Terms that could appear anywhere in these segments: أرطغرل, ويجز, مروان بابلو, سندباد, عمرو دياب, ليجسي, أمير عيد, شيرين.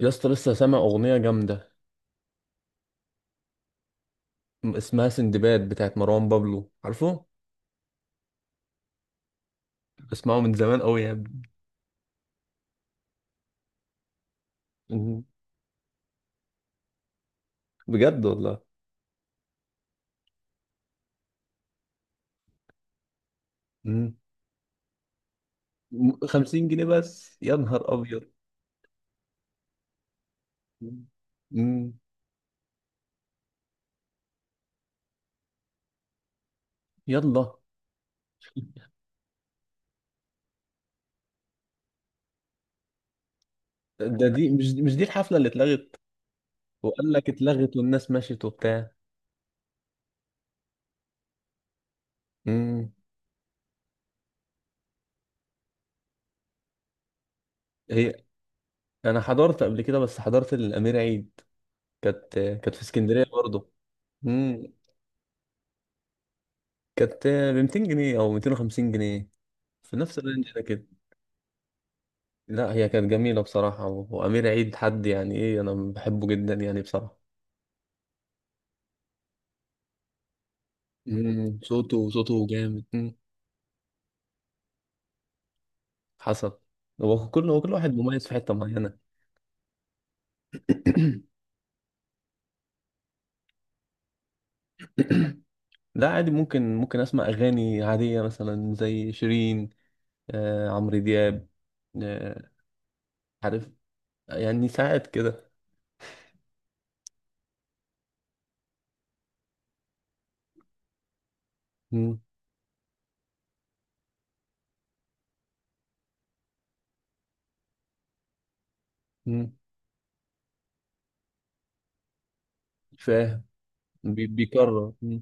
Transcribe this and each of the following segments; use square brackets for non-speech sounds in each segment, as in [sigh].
يا اسطى، لسه سامع اغنيه جامده. اسمها سندباد بتاعت مروان بابلو، عارفه؟ بسمعه من زمان قوي يا ابني. مم. بجد والله. مم. 50 جنيه بس يا نهار ابيض! مم. مم. يلا. ده دي مش مش دي الحفله اللي اتلغت؟ وقال لك اتلغت والناس مشيت وبتاع. مم. هي. انا حضرت قبل كده، بس حضرت الامير عيد. كانت في اسكندريه برضه. مم. كانت ب 200 جنيه او 250 جنيه، في نفس الرينج ده كده. لا هي كانت جميلة بصراحة، وأمير عيد حد يعني إيه، أنا بحبه جدا يعني بصراحة. مم، صوته جامد. مم. حسب. هو كل واحد مميز في حتة معينة. [coughs] لا عادي، ممكن أسمع أغاني عادية مثلا زي شيرين، آه، عمرو دياب. آه، عارف، يعني ساعات كده. مم. مم. فاهم. بيكرر. مم.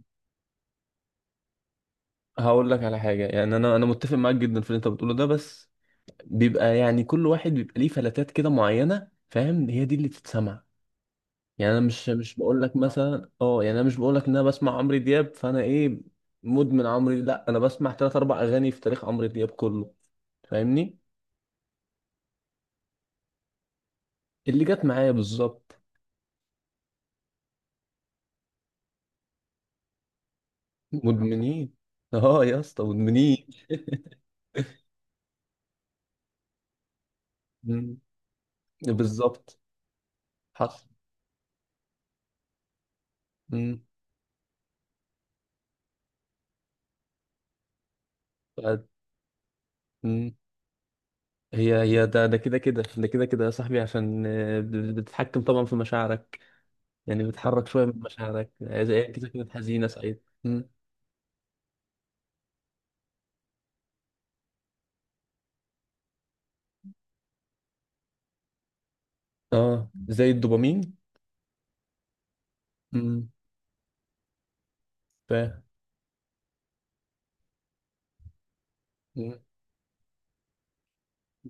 هقول لك على حاجة، يعني أنا متفق معاك جدا في اللي أنت بتقوله ده، بس بيبقى يعني كل واحد بيبقى ليه فلاتات كده معينة، فاهم؟ هي دي اللي تتسمع. يعني انا مش بقول لك، آه. مثلا يعني انا مش بقول لك ان انا بسمع عمرو دياب فانا ايه، مدمن عمرو. لا انا بسمع ثلاث اربع اغاني في تاريخ عمرو دياب كله، فاهمني؟ اللي جت معايا بالظبط. مدمنين. [laughs] اه يا اسطى مدمنين. مم. بالظبط. حصل. مم. ف- مم. هي ده كده كده ده كده كده يا صاحبي، عشان آه، بتتحكم طبعا في مشاعرك، يعني بتحرك شوية من مشاعرك زي كده كده، حزينة سعيدة. مم. اه زي الدوبامين. امم. فاهم. مم.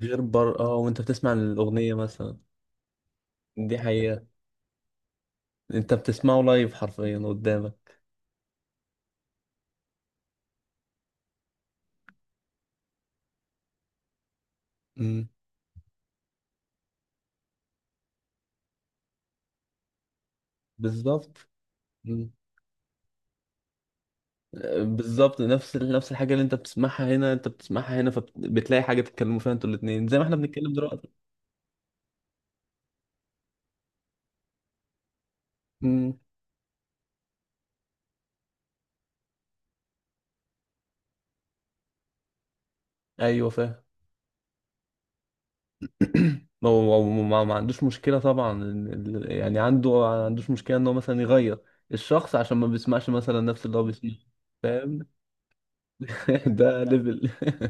غير بر اه وانت بتسمع الأغنية مثلا. دي حقيقة. انت بتسمعه لايف حرفيا قدامك. امم. بالظبط. امم. آه، بالظبط، نفس الحاجة اللي انت بتسمعها هنا، فبتلاقي حاجة تتكلموا فيها انتوا الاتنين زي ما احنا بنتكلم دلوقتي. امم. ايوه فاهم. ما هو هو ما عندوش مشكلة طبعا، يعني عنده ما عندوش مشكلة ان هو مثلا يغير الشخص عشان ما بيسمعش مثلا نفس اللي هو بيسمعه، فاهم؟ [laughs] ده ليفل [laughs]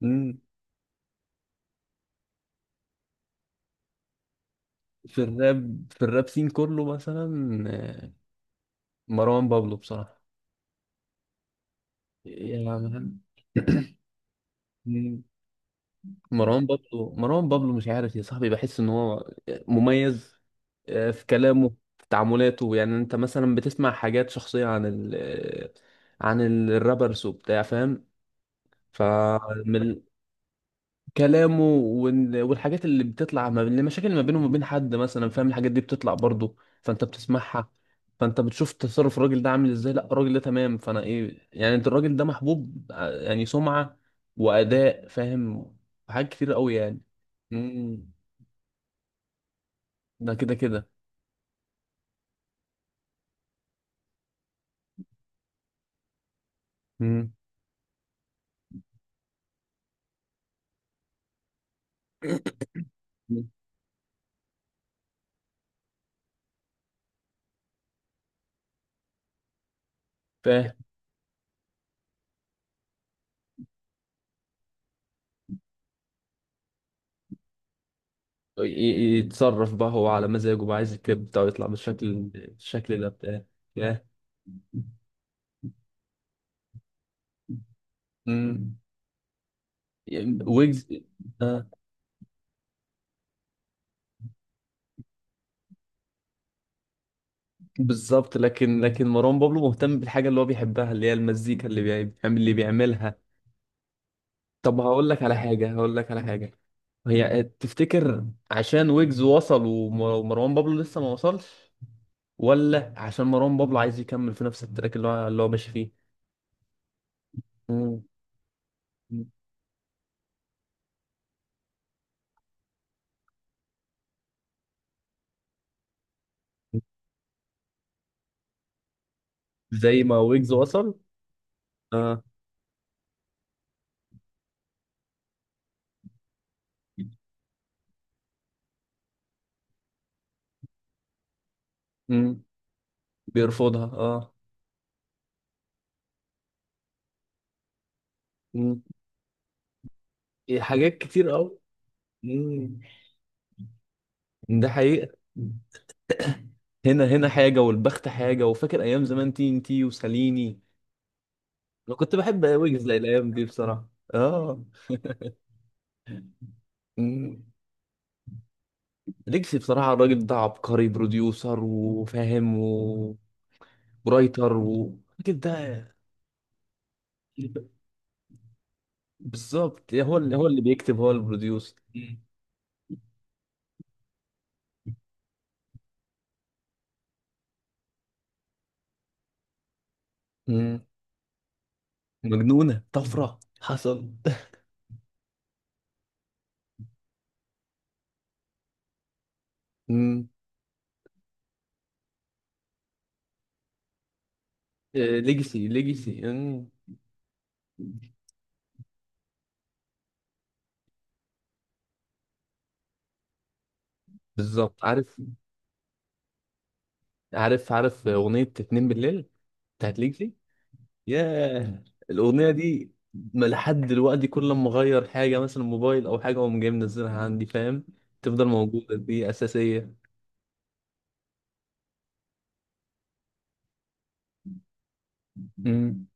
مم. في الراب سين كله مثلا. آه، مروان بابلو بصراحة. يا مان. [clears throat] مروان بابلو، مش عارف يا صاحبي، بحس ان هو مميز، آه، في كلامه، في تعاملاته، يعني انت مثلا بتسمع حاجات شخصية عن ال آه، عن الرابرز وبتاع، فاهم؟ فمن كلامه والحاجات اللي بتطلع ما بين المشاكل اللي ما بينه وما بين حد مثلا، فاهم؟ الحاجات دي بتطلع برضه، فانت بتسمعها، فانت بتشوف تصرف الراجل ده عامل ازاي، لا الراجل ده تمام، فانا ايه يعني انت الراجل ده محبوب، يعني سمعة وأداء، فاهم؟ حاجات كتير قوي يعني. مم. ده كده كده. امم. فاهم. يتصرف بقى هو على مزاجه، بقى عايز الكليب بتاعه يطلع بالشكل ده بتاع. ياه. مم. ويجز. آه. بالظبط، لكن مروان بابلو مهتم بالحاجه اللي هو بيحبها، اللي هي المزيكا اللي بيعملها. طب هقول لك على حاجه، هقول لك على حاجه. هي تفتكر، عشان ويجز وصل ومروان بابلو لسه ما وصلش، ولا عشان مروان بابلو عايز يكمل في نفس التراك اللي هو ماشي فيه؟ مم. زي ما ويجز وصل. اه. مم. بيرفضها اه. مم. حاجات كتير قوي. مم. ده حقيقة. هنا حاجة والبخت حاجة، وفاكر أيام زمان تي إن تي وساليني. أنا كنت بحب ويجز الأيام دي بصراحة، آه. أمم. ليجسي بصراحة الراجل ده عبقري، بروديوسر وفاهم ورايتر الراجل ده. بالظبط، هو اللي بيكتب، هو البروديوسر. أمم. مجنونة طفرة حصل. أمم. آه، ليجسي. أمم. بالظبط. عارف أغنية اتنين بالليل بتاعت ليجسي. ياه، الأغنية دي! ما لحد دلوقتي كل لما أغير حاجة مثلا موبايل أو حاجة، أقوم جاي منزلها عندي، فاهم؟ تفضل موجودة، دي أساسية. امم.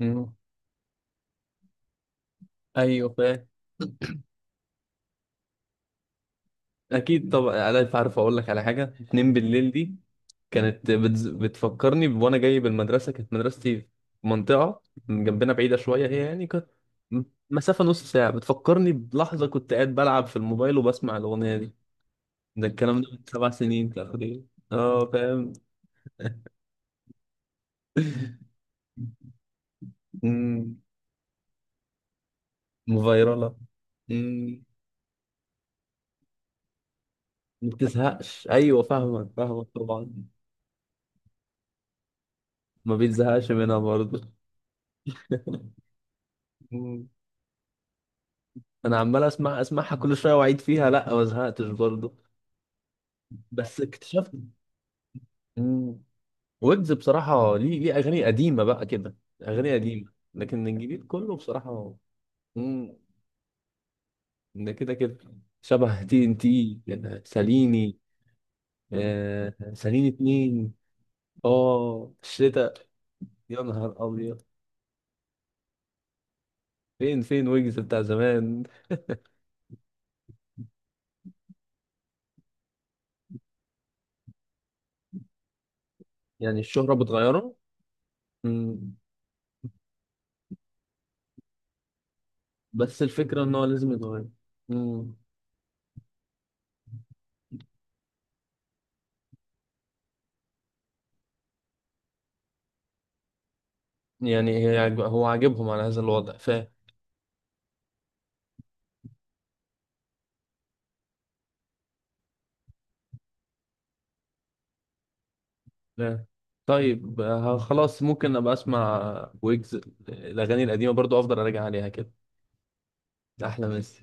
امم. ايوه فاهم. أكيد طبعا، أنا عارف. أقول لك على حاجة، اتنين بالليل دي كانت بتفكرني وأنا جاي بالمدرسة، كانت مدرستي في منطقة من جنبنا بعيدة شوية، هي يعني كانت م- مسافة نص ساعة، بتفكرني بلحظة كنت قاعد بلعب في الموبايل وبسمع الأغنية دي، ده الكلام ده من 7 سنين تقريبا. اه. فاهم. مفيرلة. مم. ما بتزهقش، ايوه فاهمك، فاهمك طبعا. ما بيتزهقش منها برضه. مم. انا عمال اسمع اسمعها كل شويه واعيد فيها، لا ما زهقتش برضه، بس اكتشفت. مم. ويجز بصراحه ليه، ليه اغاني قديمه بقى كده، اغاني قديمه لكن الجديد كله بصراحه. مم. ده كده كده شبه تي ان تي، ساليني. آه ساليني اتنين. اه الشتاء. يا نهار ابيض! فين فين ويجز بتاع زمان؟ يعني الشهرة بتغيره. مم. بس الفكرة ان هو لازم يتغير. مم. يعني هي هو عاجبهم على هذا الوضع، فاهم؟ فاهم. طيب آه، خلاص، ممكن ابقى اسمع ويجز الاغاني القديمة برضو، افضل اراجع عليها كده. احلى مسا.